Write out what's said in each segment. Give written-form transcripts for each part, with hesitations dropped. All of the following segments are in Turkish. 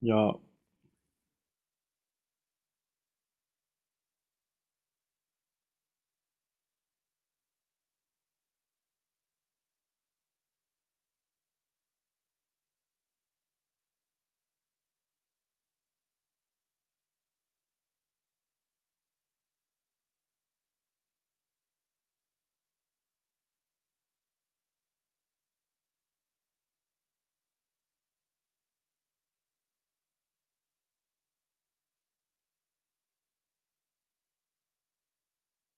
Ya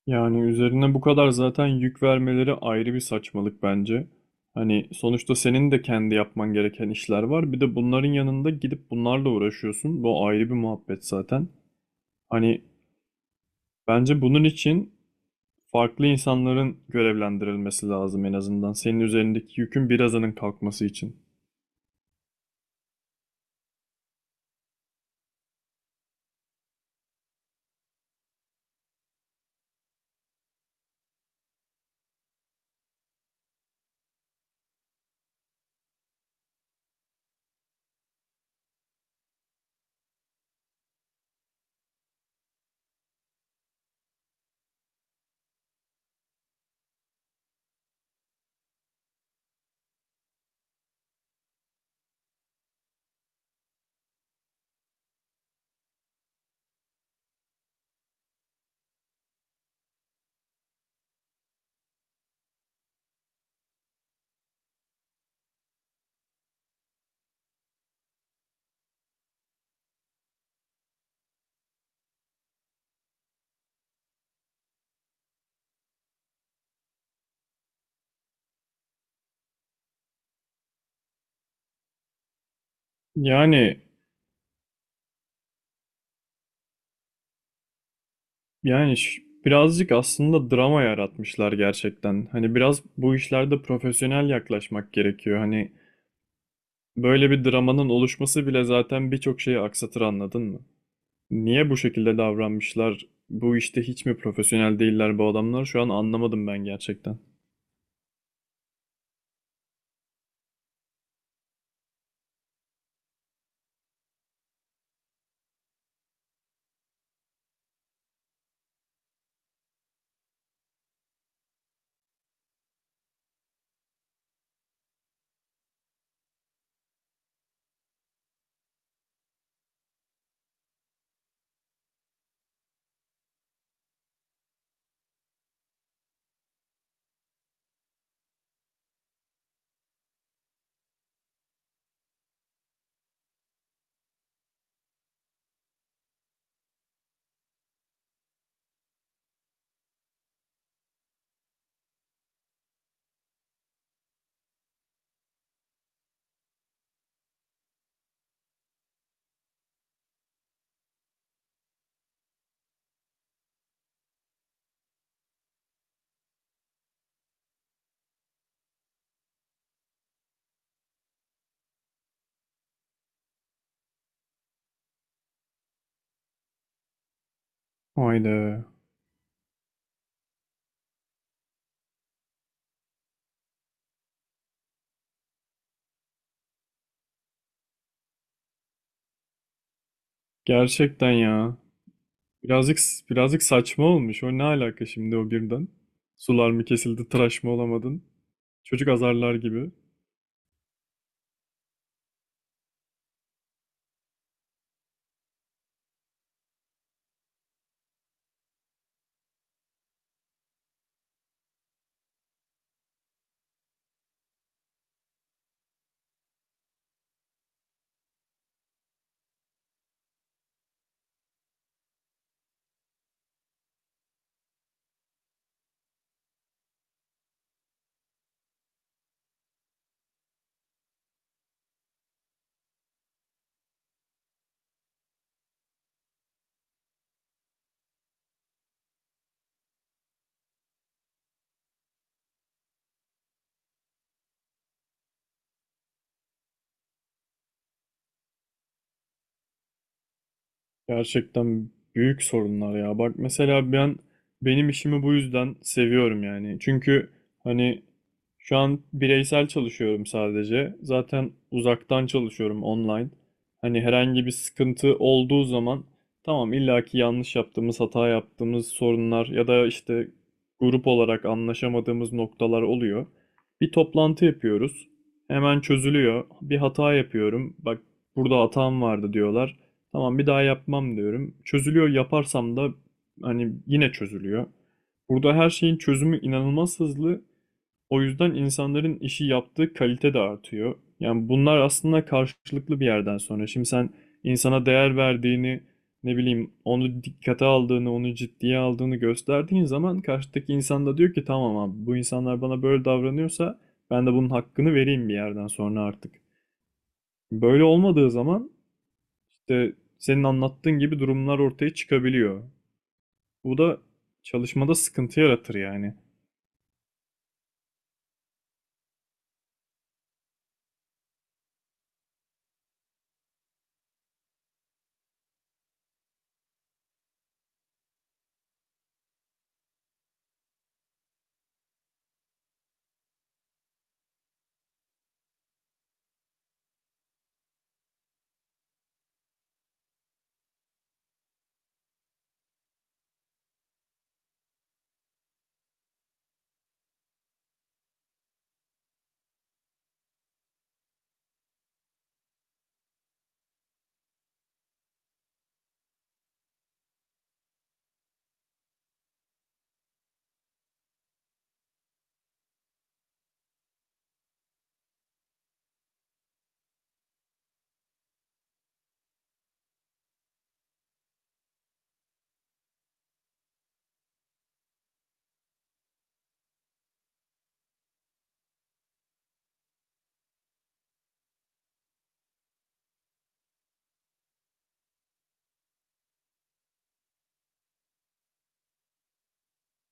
yani üzerine bu kadar zaten yük vermeleri ayrı bir saçmalık bence. Hani sonuçta senin de kendi yapman gereken işler var. Bir de bunların yanında gidip bunlarla uğraşıyorsun. Bu ayrı bir muhabbet zaten. Hani bence bunun için farklı insanların görevlendirilmesi lazım en azından. Senin üzerindeki yükün birazının kalkması için. Yani yani birazcık aslında drama yaratmışlar gerçekten. Hani biraz bu işlerde profesyonel yaklaşmak gerekiyor. Hani böyle bir dramanın oluşması bile zaten birçok şeyi aksatır, anladın mı? Niye bu şekilde davranmışlar? Bu işte hiç mi profesyonel değiller bu adamlar? Şu an anlamadım ben gerçekten. Haydi. Gerçekten ya. Birazcık birazcık saçma olmuş. O ne alaka şimdi o birden? Sular mı kesildi, tıraş mı olamadın? Çocuk azarlar gibi. Gerçekten büyük sorunlar ya. Bak mesela ben benim işimi bu yüzden seviyorum yani. Çünkü hani şu an bireysel çalışıyorum sadece. Zaten uzaktan çalışıyorum online. Hani herhangi bir sıkıntı olduğu zaman tamam illaki yanlış yaptığımız, hata yaptığımız sorunlar ya da işte grup olarak anlaşamadığımız noktalar oluyor. Bir toplantı yapıyoruz. Hemen çözülüyor. Bir hata yapıyorum. Bak, burada hatam vardı diyorlar. Tamam bir daha yapmam diyorum. Çözülüyor, yaparsam da hani yine çözülüyor. Burada her şeyin çözümü inanılmaz hızlı. O yüzden insanların işi yaptığı kalite de artıyor. Yani bunlar aslında karşılıklı bir yerden sonra. Şimdi sen insana değer verdiğini, ne bileyim onu dikkate aldığını, onu ciddiye aldığını gösterdiğin zaman karşıdaki insan da diyor ki tamam abi, bu insanlar bana böyle davranıyorsa ben de bunun hakkını vereyim bir yerden sonra artık. Böyle olmadığı zaman işte senin anlattığın gibi durumlar ortaya çıkabiliyor. Bu da çalışmada sıkıntı yaratır yani.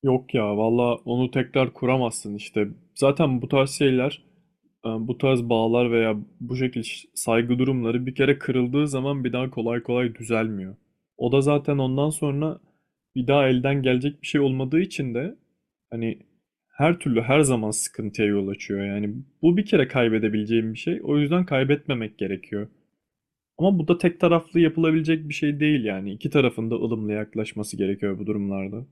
Yok ya, valla onu tekrar kuramazsın işte. Zaten bu tarz şeyler, bu tarz bağlar veya bu şekilde saygı durumları bir kere kırıldığı zaman bir daha kolay kolay düzelmiyor. O da zaten ondan sonra bir daha elden gelecek bir şey olmadığı için de hani her türlü her zaman sıkıntıya yol açıyor. Yani bu bir kere kaybedebileceğim bir şey. O yüzden kaybetmemek gerekiyor. Ama bu da tek taraflı yapılabilecek bir şey değil yani. İki tarafın da ılımlı yaklaşması gerekiyor bu durumlarda.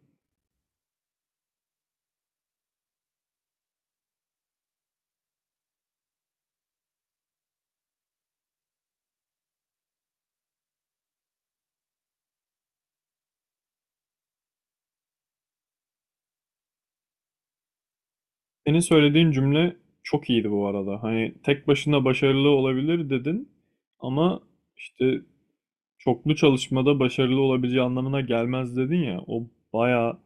Senin söylediğin cümle çok iyiydi bu arada. Hani tek başına başarılı olabilir dedin ama işte çoklu çalışmada başarılı olabileceği anlamına gelmez dedin ya. O bayağı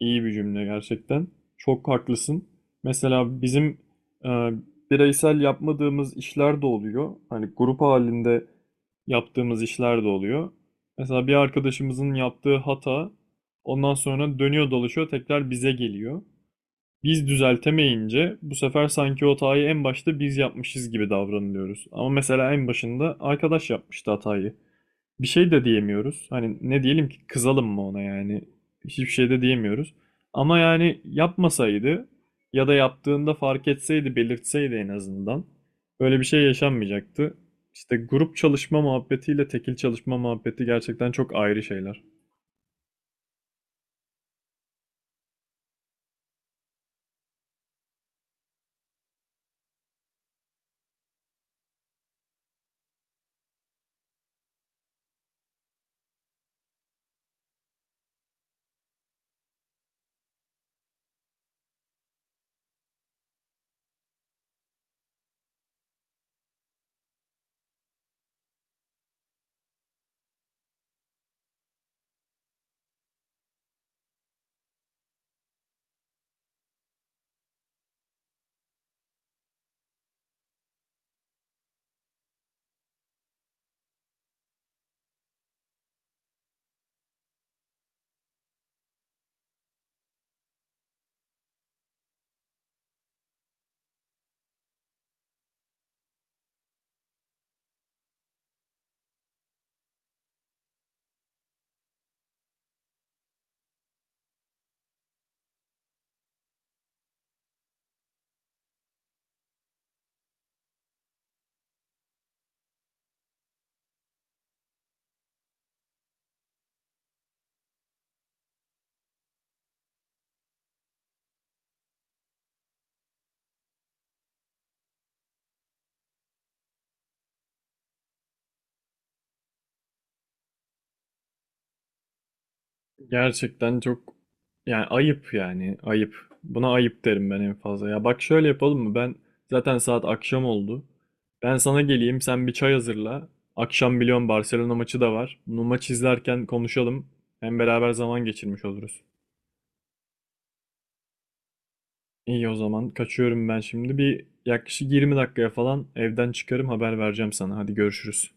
İyi bir cümle gerçekten. Çok haklısın. Mesela bizim e, bireysel yapmadığımız işler de oluyor. Hani grup halinde yaptığımız işler de oluyor. Mesela bir arkadaşımızın yaptığı hata ondan sonra dönüyor dolaşıyor tekrar bize geliyor. Biz düzeltemeyince bu sefer sanki o hatayı en başta biz yapmışız gibi davranılıyoruz. Ama mesela en başında arkadaş yapmıştı hatayı, bir şey de diyemiyoruz. Hani ne diyelim ki, kızalım mı ona yani? Hiçbir şey de diyemiyoruz. Ama yani yapmasaydı ya da yaptığında fark etseydi, belirtseydi en azından, böyle bir şey yaşanmayacaktı. İşte grup çalışma muhabbetiyle tekil çalışma muhabbeti gerçekten çok ayrı şeyler. Gerçekten çok yani ayıp, yani ayıp. Buna ayıp derim ben en fazla. Ya bak, şöyle yapalım mı? Ben zaten saat akşam oldu. Ben sana geleyim, sen bir çay hazırla. Akşam biliyorum Barcelona maçı da var. Bunu maç izlerken konuşalım. Hem beraber zaman geçirmiş oluruz. İyi o zaman kaçıyorum ben şimdi. Bir yaklaşık 20 dakikaya falan evden çıkarım, haber vereceğim sana. Hadi görüşürüz.